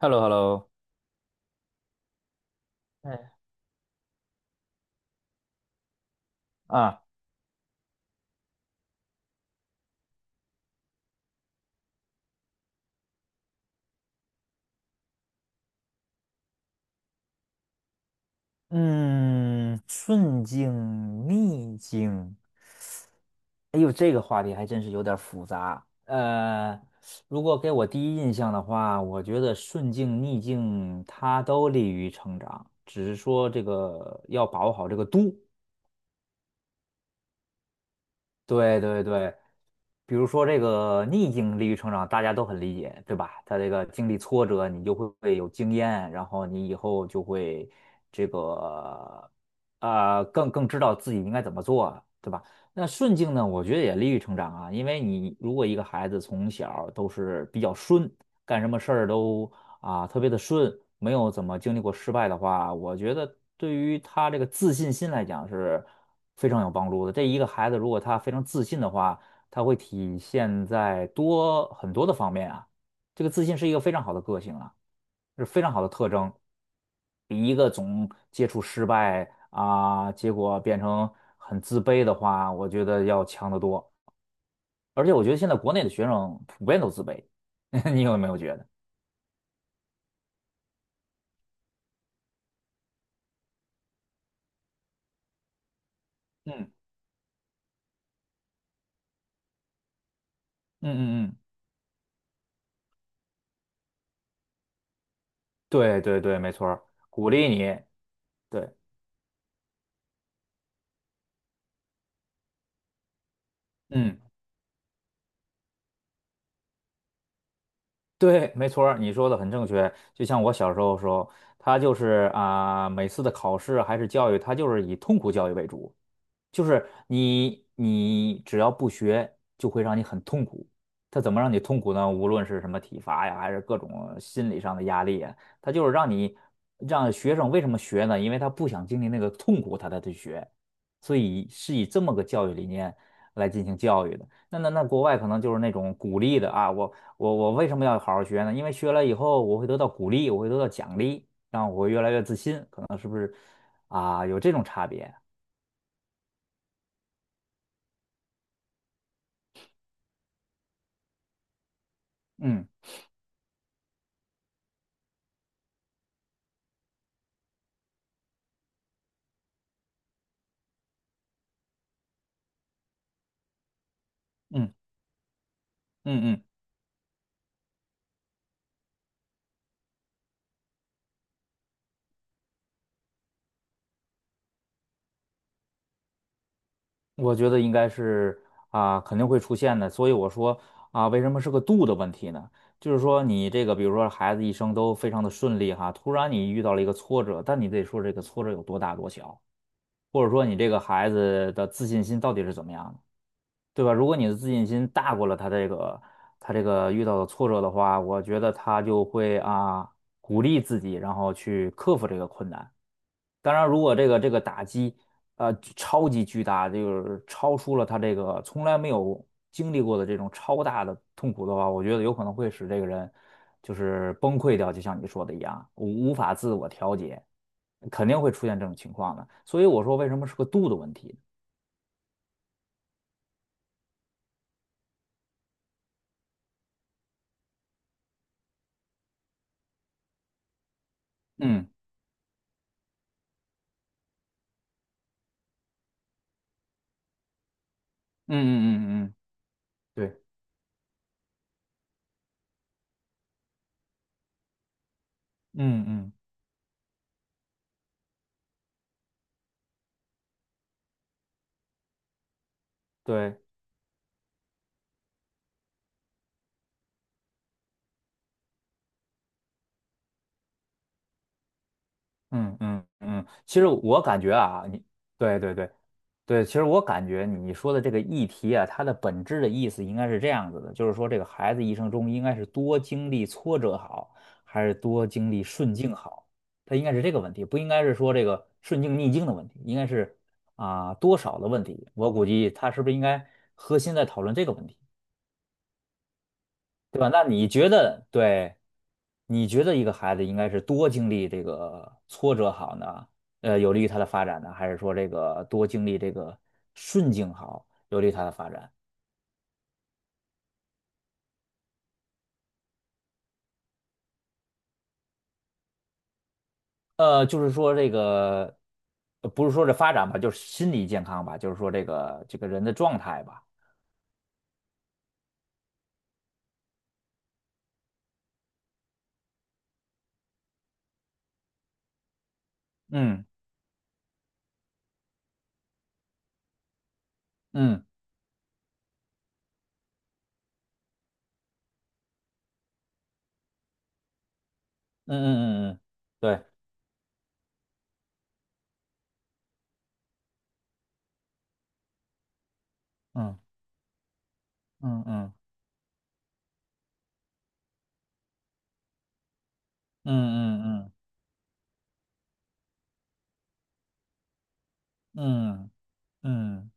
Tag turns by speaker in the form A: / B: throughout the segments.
A: h e l l o h e l l o 哎，啊，嗯，顺境逆境，哎呦，这个话题还真是有点儿复杂。如果给我第一印象的话，我觉得顺境逆境它都利于成长，只是说这个要把握好这个度。对对对，比如说这个逆境利于成长，大家都很理解，对吧？他这个经历挫折，你就会有经验，然后你以后就会这个更知道自己应该怎么做，对吧？那顺境呢，我觉得也利于成长啊，因为你如果一个孩子从小都是比较顺，干什么事儿都啊，特别的顺，没有怎么经历过失败的话，我觉得对于他这个自信心来讲是非常有帮助的。这一个孩子如果他非常自信的话，他会体现在多很多的方面啊。这个自信是一个非常好的个性啊，是非常好的特征，比一个总接触失败啊，结果变成很自卑的话，我觉得要强得多。而且我觉得现在国内的学生普遍都自卑，你有没有觉得？嗯嗯嗯嗯。对对对，没错儿，鼓励你。对，嗯，对，没错儿，你说的很正确。就像我小时候的时候，他就是啊、每次的考试还是教育，他就是以痛苦教育为主。就是你只要不学，就会让你很痛苦。他怎么让你痛苦呢？无论是什么体罚呀，还是各种心理上的压力啊，它就是让你让学生为什么学呢？因为他不想经历那个痛苦，他才去学。所以是以这么个教育理念来进行教育的。那国外可能就是那种鼓励的啊，我为什么要好好学呢？因为学了以后我会得到鼓励，我会得到奖励，让我会越来越自信，可能是不是啊？有这种差别？嗯嗯。嗯嗯，我觉得应该是啊，肯定会出现的。所以我说啊，为什么是个度的问题呢？就是说你这个，比如说孩子一生都非常的顺利哈，突然你遇到了一个挫折，但你得说这个挫折有多大多小，或者说你这个孩子的自信心到底是怎么样的，对吧？如果你的自信心大过了他这个遇到的挫折的话，我觉得他就会啊鼓励自己，然后去克服这个困难。当然，如果这个打击，超级巨大，就是超出了他这个从来没有经历过的这种超大的痛苦的话，我觉得有可能会使这个人就是崩溃掉，就像你说的一样，无法自我调节，肯定会出现这种情况的。所以我说，为什么是个度的问题？嗯嗯嗯嗯嗯，对，嗯嗯对。嗯嗯嗯，其实我感觉啊，你对对对对，其实我感觉你说的这个议题啊，它的本质的意思应该是这样子的，就是说这个孩子一生中应该是多经历挫折好，还是多经历顺境好？它应该是这个问题，不应该是说这个顺境逆境的问题，应该是啊、多少的问题。我估计他是不是应该核心在讨论这个问题？对吧？那你觉得，对，你觉得一个孩子应该是多经历这个挫折好呢？有利于他的发展呢，还是说这个多经历这个顺境好，有利于他的发展？就是说这个，不是说这发展吧，就是心理健康吧，就是说这个人的状态吧。嗯嗯嗯嗯嗯嗯，对，嗯嗯嗯嗯嗯嗯嗯嗯嗯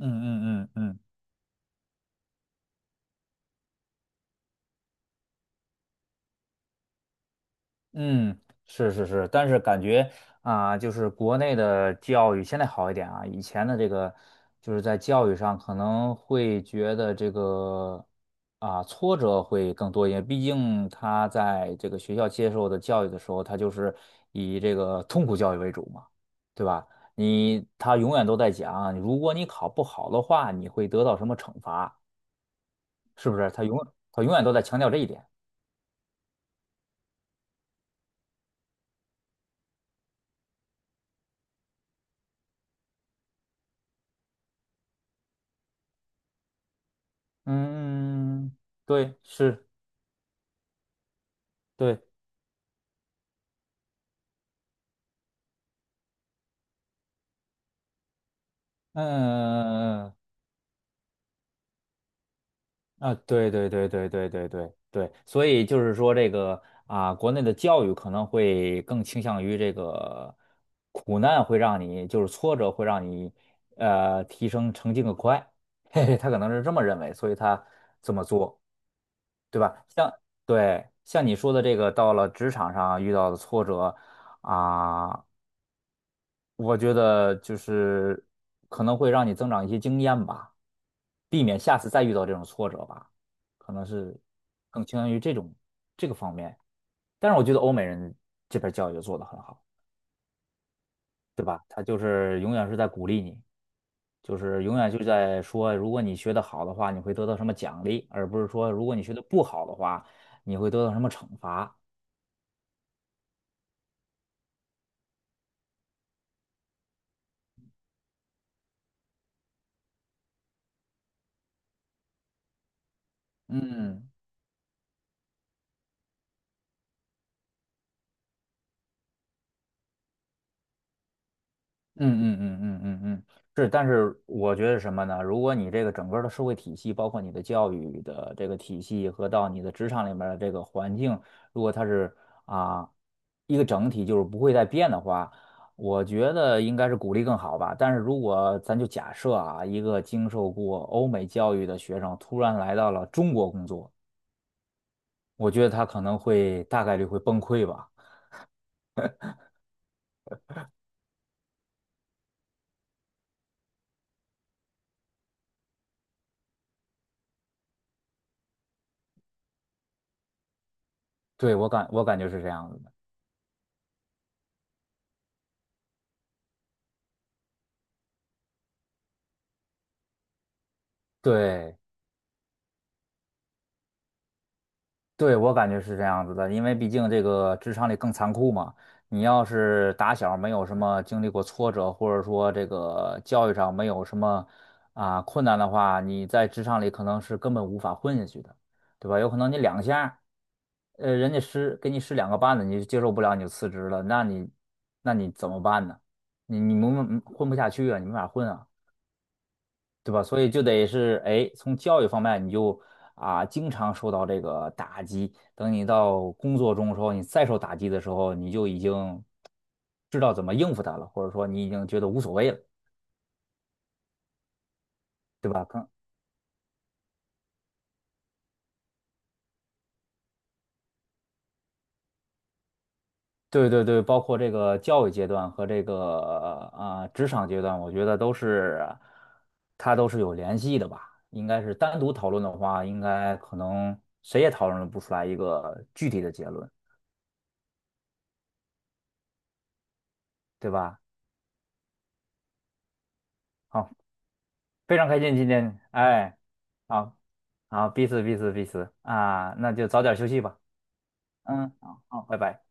A: 嗯嗯嗯嗯。嗯，是是是，但是感觉啊、就是国内的教育现在好一点啊，以前的这个就是在教育上可能会觉得这个啊、挫折会更多一点，毕竟他在这个学校接受的教育的时候，他就是以这个痛苦教育为主嘛，对吧？你他永远都在讲，如果你考不好的话，你会得到什么惩罚，是不是？他永远都在强调这一点。嗯，对，是。对。嗯嗯嗯嗯啊，对对对对对对对对，所以就是说这个啊，国内的教育可能会更倾向于这个苦难会让你就是挫折会让你提升成绩更快，嘿嘿，他可能是这么认为，所以他这么做，对吧？像对像你说的这个，到了职场上遇到的挫折啊。我觉得就是可能会让你增长一些经验吧，避免下次再遇到这种挫折吧，可能是更倾向于这个方面。但是我觉得欧美人这边教育就做得很好，对吧？他就是永远是在鼓励你，就是永远就在说，如果你学得好的话，你会得到什么奖励，而不是说如果你学得不好的话，你会得到什么惩罚。嗯，嗯嗯嗯嗯嗯嗯，是，但是我觉得什么呢？如果你这个整个的社会体系，包括你的教育的这个体系和到你的职场里面的这个环境，如果它是啊一个整体，就是不会再变的话，我觉得应该是鼓励更好吧。但是如果咱就假设啊，一个经受过欧美教育的学生突然来到了中国工作，我觉得他可能会大概率会崩溃吧。对，我感觉是这样子的。对。对，我感觉是这样子的，因为毕竟这个职场里更残酷嘛。你要是打小没有什么经历过挫折，或者说这个教育上没有什么啊困难的话，你在职场里可能是根本无法混下去的，对吧？有可能你两下，人家施给你施两个绊子，你就接受不了，你就辞职了，那你怎么办呢？你你没混不下去啊，你没法混啊。对吧？所以就得是，哎，从教育方面你就啊，经常受到这个打击。等你到工作中的时候，你再受打击的时候，你就已经知道怎么应付他了，或者说你已经觉得无所谓了，对吧？可对对对，包括这个教育阶段和这个啊、职场阶段，我觉得都是它都是有联系的吧。应该是单独讨论的话，应该可能谁也讨论不出来一个具体的结论，对吧？好，非常开心今天，哎。好，好，彼此彼此彼此啊，那就早点休息吧。嗯，好好，拜拜。